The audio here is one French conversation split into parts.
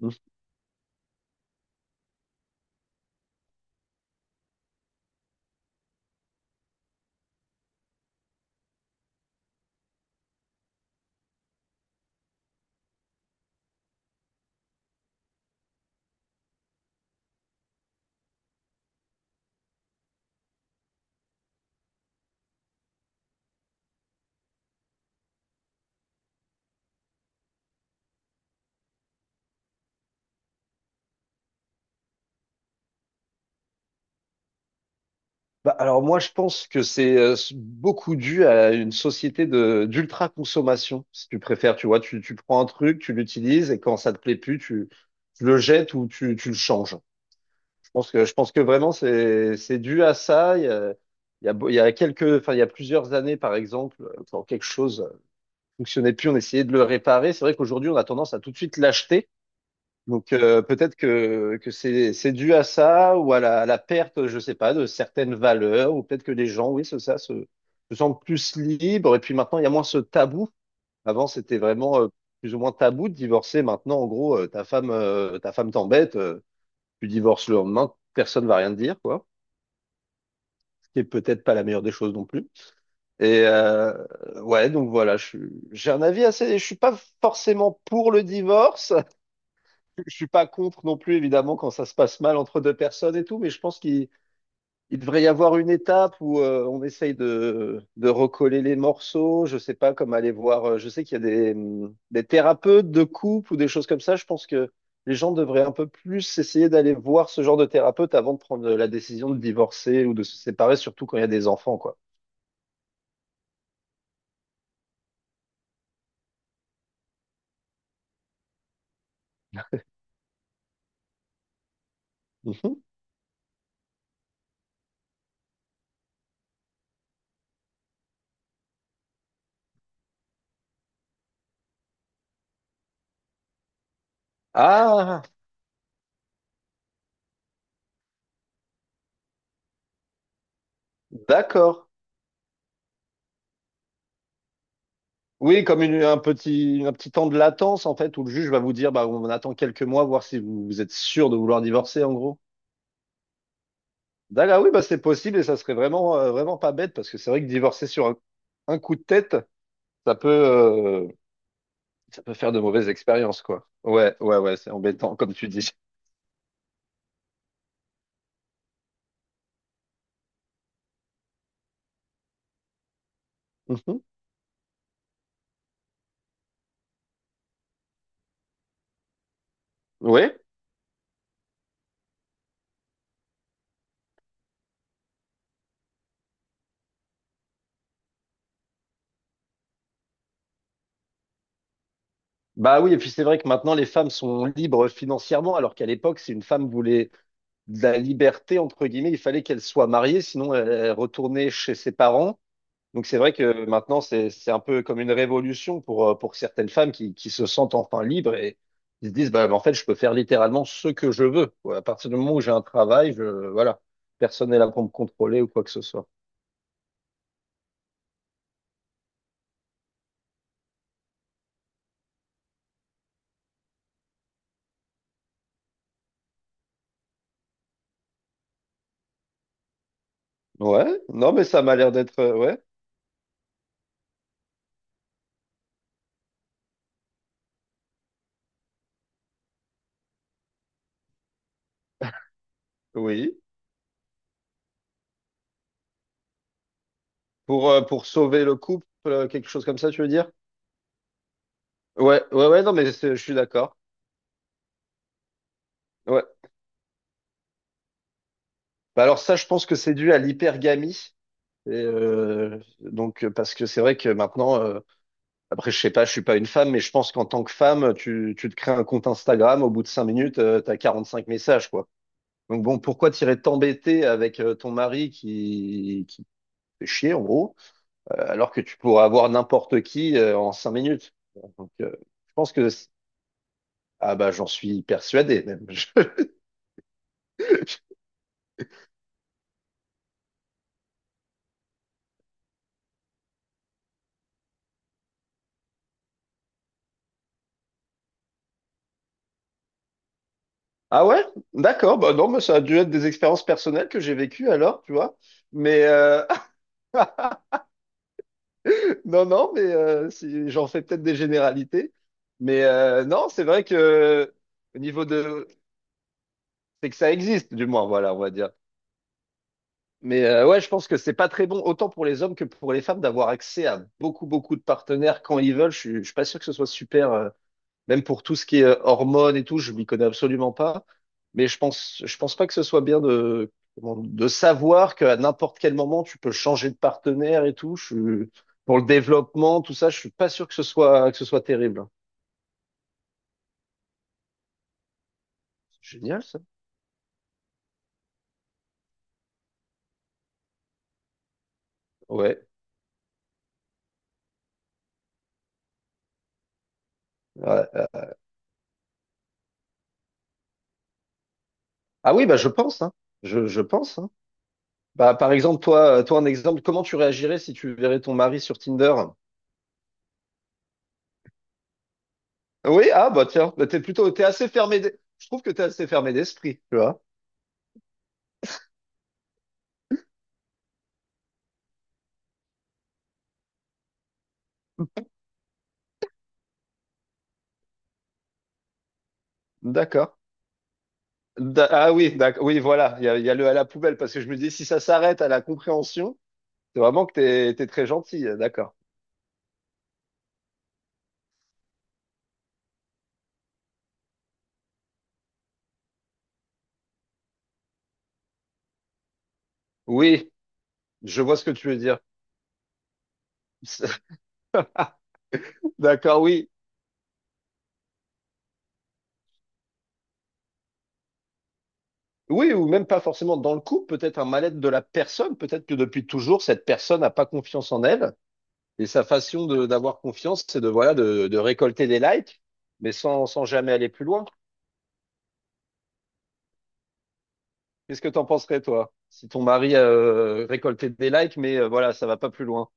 Mhm. Bah, alors moi, je pense que c'est beaucoup dû à une société de d'ultra-consommation, si tu préfères. Tu vois, tu prends un truc, tu l'utilises et quand ça te plaît plus, tu le jettes ou tu le changes. Je pense que vraiment, c'est dû à ça. Il y a quelques, enfin, il y a plusieurs années, par exemple, quand quelque chose fonctionnait plus, on essayait de le réparer. C'est vrai qu'aujourd'hui, on a tendance à tout de suite l'acheter. Donc peut-être que c'est dû à ça ou à à la perte, je sais pas, de certaines valeurs, ou peut-être que les gens, oui, c'est ça, se sentent plus libres. Et puis maintenant, il y a moins ce tabou. Avant, c'était vraiment plus ou moins tabou de divorcer. Maintenant, en gros, ta femme t'embête, tu divorces le lendemain, personne va rien te dire, quoi. Ce qui est peut-être pas la meilleure des choses non plus. Et ouais, donc voilà, j'ai un avis assez. Je suis pas forcément pour le divorce. Je suis pas contre non plus, évidemment, quand ça se passe mal entre deux personnes et tout, mais je pense qu'il il devrait y avoir une étape où on essaye de recoller les morceaux. Je sais pas comme aller voir. Je sais qu'il y a des thérapeutes de couple ou des choses comme ça. Je pense que les gens devraient un peu plus essayer d'aller voir ce genre de thérapeute avant de prendre la décision de divorcer ou de se séparer, surtout quand il y a des enfants, quoi. Mhm. Ah, d'accord. Oui, comme un petit temps de latence, en fait, où le juge va vous dire, bah, on attend quelques mois, voir si vous êtes sûr de vouloir divorcer, en gros. D'accord, ah oui, bah, c'est possible et ça serait vraiment, vraiment pas bête parce que c'est vrai que divorcer sur un coup de tête, ça peut, euh, ça peut faire de mauvaises expériences, quoi. Ouais, ouais, ouais, c'est embêtant, comme tu dis. Mhm. Oui. Bah oui, et puis c'est vrai que maintenant, les femmes sont libres financièrement, alors qu'à l'époque, si une femme voulait de la liberté, entre guillemets, il fallait qu'elle soit mariée, sinon elle retournait chez ses parents. Donc c'est vrai que maintenant, c'est un peu comme une révolution pour certaines femmes qui se sentent enfin libres et qui se disent, bah, en fait, je peux faire littéralement ce que je veux, quoi. À partir du moment où j'ai un travail, je, voilà, personne n'est là pour me contrôler ou quoi que ce soit. Ouais, non, mais ça m'a l'air d'être, ouais, oui. Pour sauver le couple, quelque chose comme ça, tu veux dire? Ouais, ouais, ouais, non, mais je suis d'accord. Ouais. Bah alors ça, je pense que c'est dû à l'hypergamie. Et, donc, parce que c'est vrai que maintenant, après, je sais pas, je suis pas une femme, mais je pense qu'en tant que femme, tu te crées un compte Instagram, au bout de 5 minutes, t'as 5 messages, quoi. Donc bon, pourquoi t'irais t'embêter avec ton mari qui te fait chier, en gros, alors que tu pourrais avoir n'importe qui en 5 minutes. Donc, je pense que... Ah bah, j'en suis persuadé, même. Je- Ah ouais? D'accord, bah non, mais ça a dû être des expériences personnelles que j'ai vécues alors, tu vois. Mais... Non, non, mais j'en fais peut-être des généralités. Mais non, c'est vrai que au niveau de... C'est que ça existe, du moins, voilà, on va dire. Mais ouais, je pense que c'est pas très bon, autant pour les hommes que pour les femmes, d'avoir accès à beaucoup, beaucoup de partenaires quand ils veulent. Je suis pas sûr que ce soit super. Même pour tout ce qui est hormones et tout, je m'y connais absolument pas. Mais je pense pas que ce soit bien de, de savoir qu'à n'importe quel moment, tu peux changer de partenaire et tout. Pour le développement, tout ça, je suis pas sûr que ce soit terrible. Génial, ça. Ouais. Ouais. Ah oui, bah, je pense, hein. Je pense, hein. Bah, par exemple, toi, toi, un exemple, comment tu réagirais si tu verrais ton mari sur Tinder? Oui, ah, bah, tiens, bah, t'es assez fermé, je trouve que t'es assez fermé d'esprit, tu vois. D'accord. Ah oui, oui, voilà, il y a le à la poubelle, parce que je me dis, si ça s'arrête à la compréhension, c'est vraiment que t'es très gentil, d'accord. Oui, je vois ce que tu veux dire. D'accord, oui. Oui, ou même pas forcément dans le couple, peut-être un mal-être de la personne, peut-être que depuis toujours, cette personne n'a pas confiance en elle, et sa façon d'avoir confiance, c'est de, voilà, de récolter des likes, mais sans, sans jamais aller plus loin. Qu'est-ce que t'en penserais, toi, si ton mari récoltait des likes, mais voilà, ça va pas plus loin?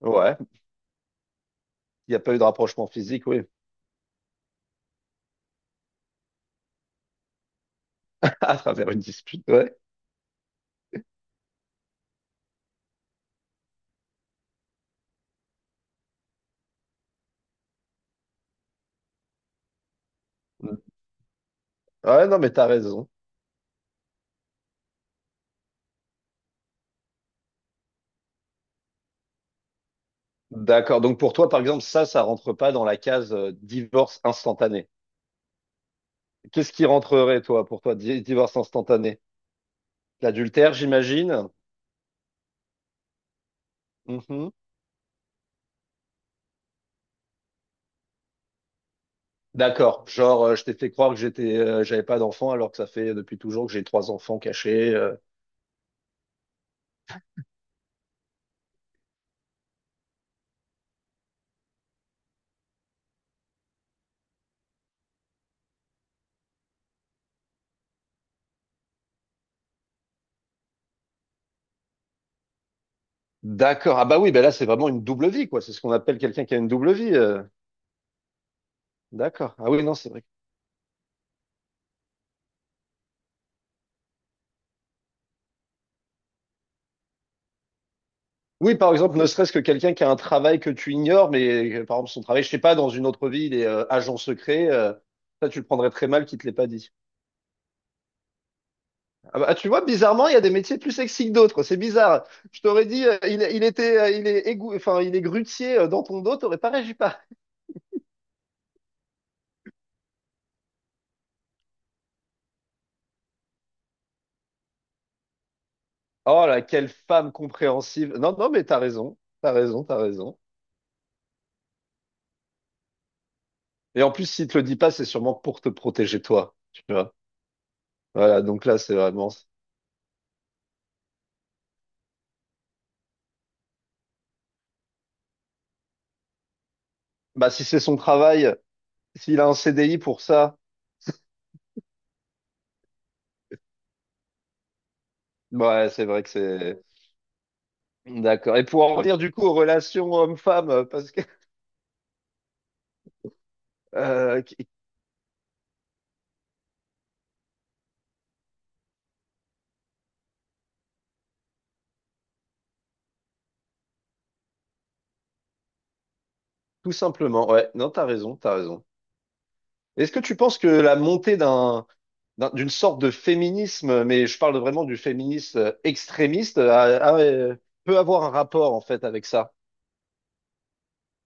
Ouais, il n'y a pas eu de rapprochement physique, oui, à travers une dispute, ouais. Ouais, non, mais t'as raison. D'accord. Donc pour toi, par exemple, ça rentre pas dans la case divorce instantané. Qu'est-ce qui rentrerait, toi, pour toi, divorce instantané? L'adultère, j'imagine? Mhm. D'accord. Genre, je t'ai fait croire que j'étais, j'avais pas d'enfant alors que ça fait depuis toujours que j'ai 3 enfants cachés. D'accord. Ah bah oui, bah là, c'est vraiment une double vie, quoi. C'est ce qu'on appelle quelqu'un qui a une double vie. D'accord. Ah oui, non, c'est vrai. Oui, par exemple, ne serait-ce que quelqu'un qui a un travail que tu ignores, mais par exemple son travail, je sais pas, dans une autre ville et agent secret, ça tu le prendrais très mal qu'il te l'ait pas dit. Ah bah, tu vois, bizarrement, il y a des métiers plus sexy que d'autres. C'est bizarre. Je t'aurais dit, il était, enfin, il est grutier dans ton dos, t'aurais pas réagi pas. Oh là, quelle femme compréhensive. Non, non, mais t'as raison, t'as raison, t'as raison. Et en plus, s'il te le dit pas, c'est sûrement pour te protéger toi. Tu vois. Voilà, donc là, c'est vraiment. Bah, si c'est son travail, s'il a un CDI pour ça. Ouais, c'est vrai que c'est d'accord. Et pour en revenir du coup aux relations homme-femme, parce que qui- tout simplement, ouais, non, t'as raison, t'as raison. Est-ce que tu penses que la montée d'une sorte de féminisme, mais je parle vraiment du féminisme extrémiste, a- euh, peut avoir un rapport en fait avec ça?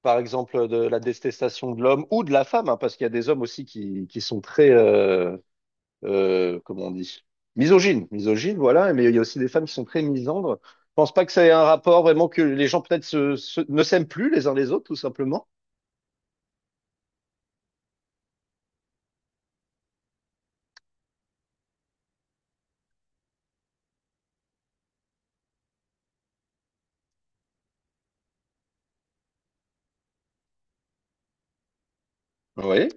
Par exemple, de la détestation de l'homme ou de la femme, hein, parce qu'il y a des hommes aussi qui sont très, comment on dit, misogynes, voilà, mais il y a aussi des femmes qui sont très misandres. Je pense pas que ça ait un rapport vraiment que les gens peut-être ne s'aiment plus les uns les autres, tout simplement. Oui,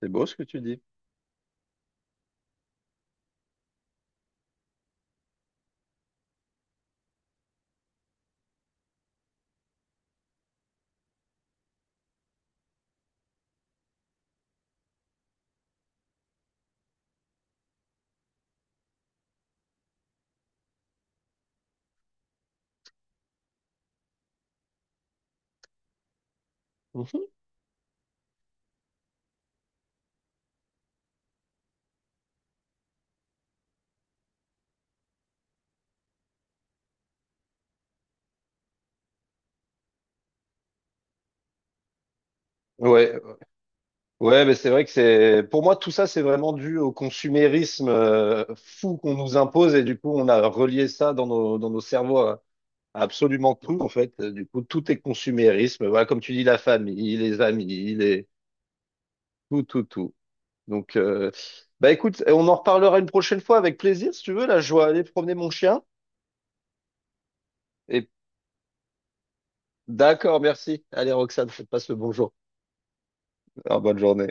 c'est beau ce que tu dis. Mhm. Ouais, ouais, mais c'est vrai que c'est, pour moi, tout ça, c'est vraiment dû au consumérisme fou qu'on nous impose et du coup, on a relié ça dans dans nos cerveaux à absolument tout, en fait. Du coup, tout est consumérisme. Voilà, comme tu dis, la famille, les amis, tout, tout, tout. Donc, bah écoute, on en reparlera une prochaine fois avec plaisir, si tu veux. Là, je dois aller promener mon chien. Et d'accord, merci. Allez, Roxane, passe le bonjour. Alors, bonne journée.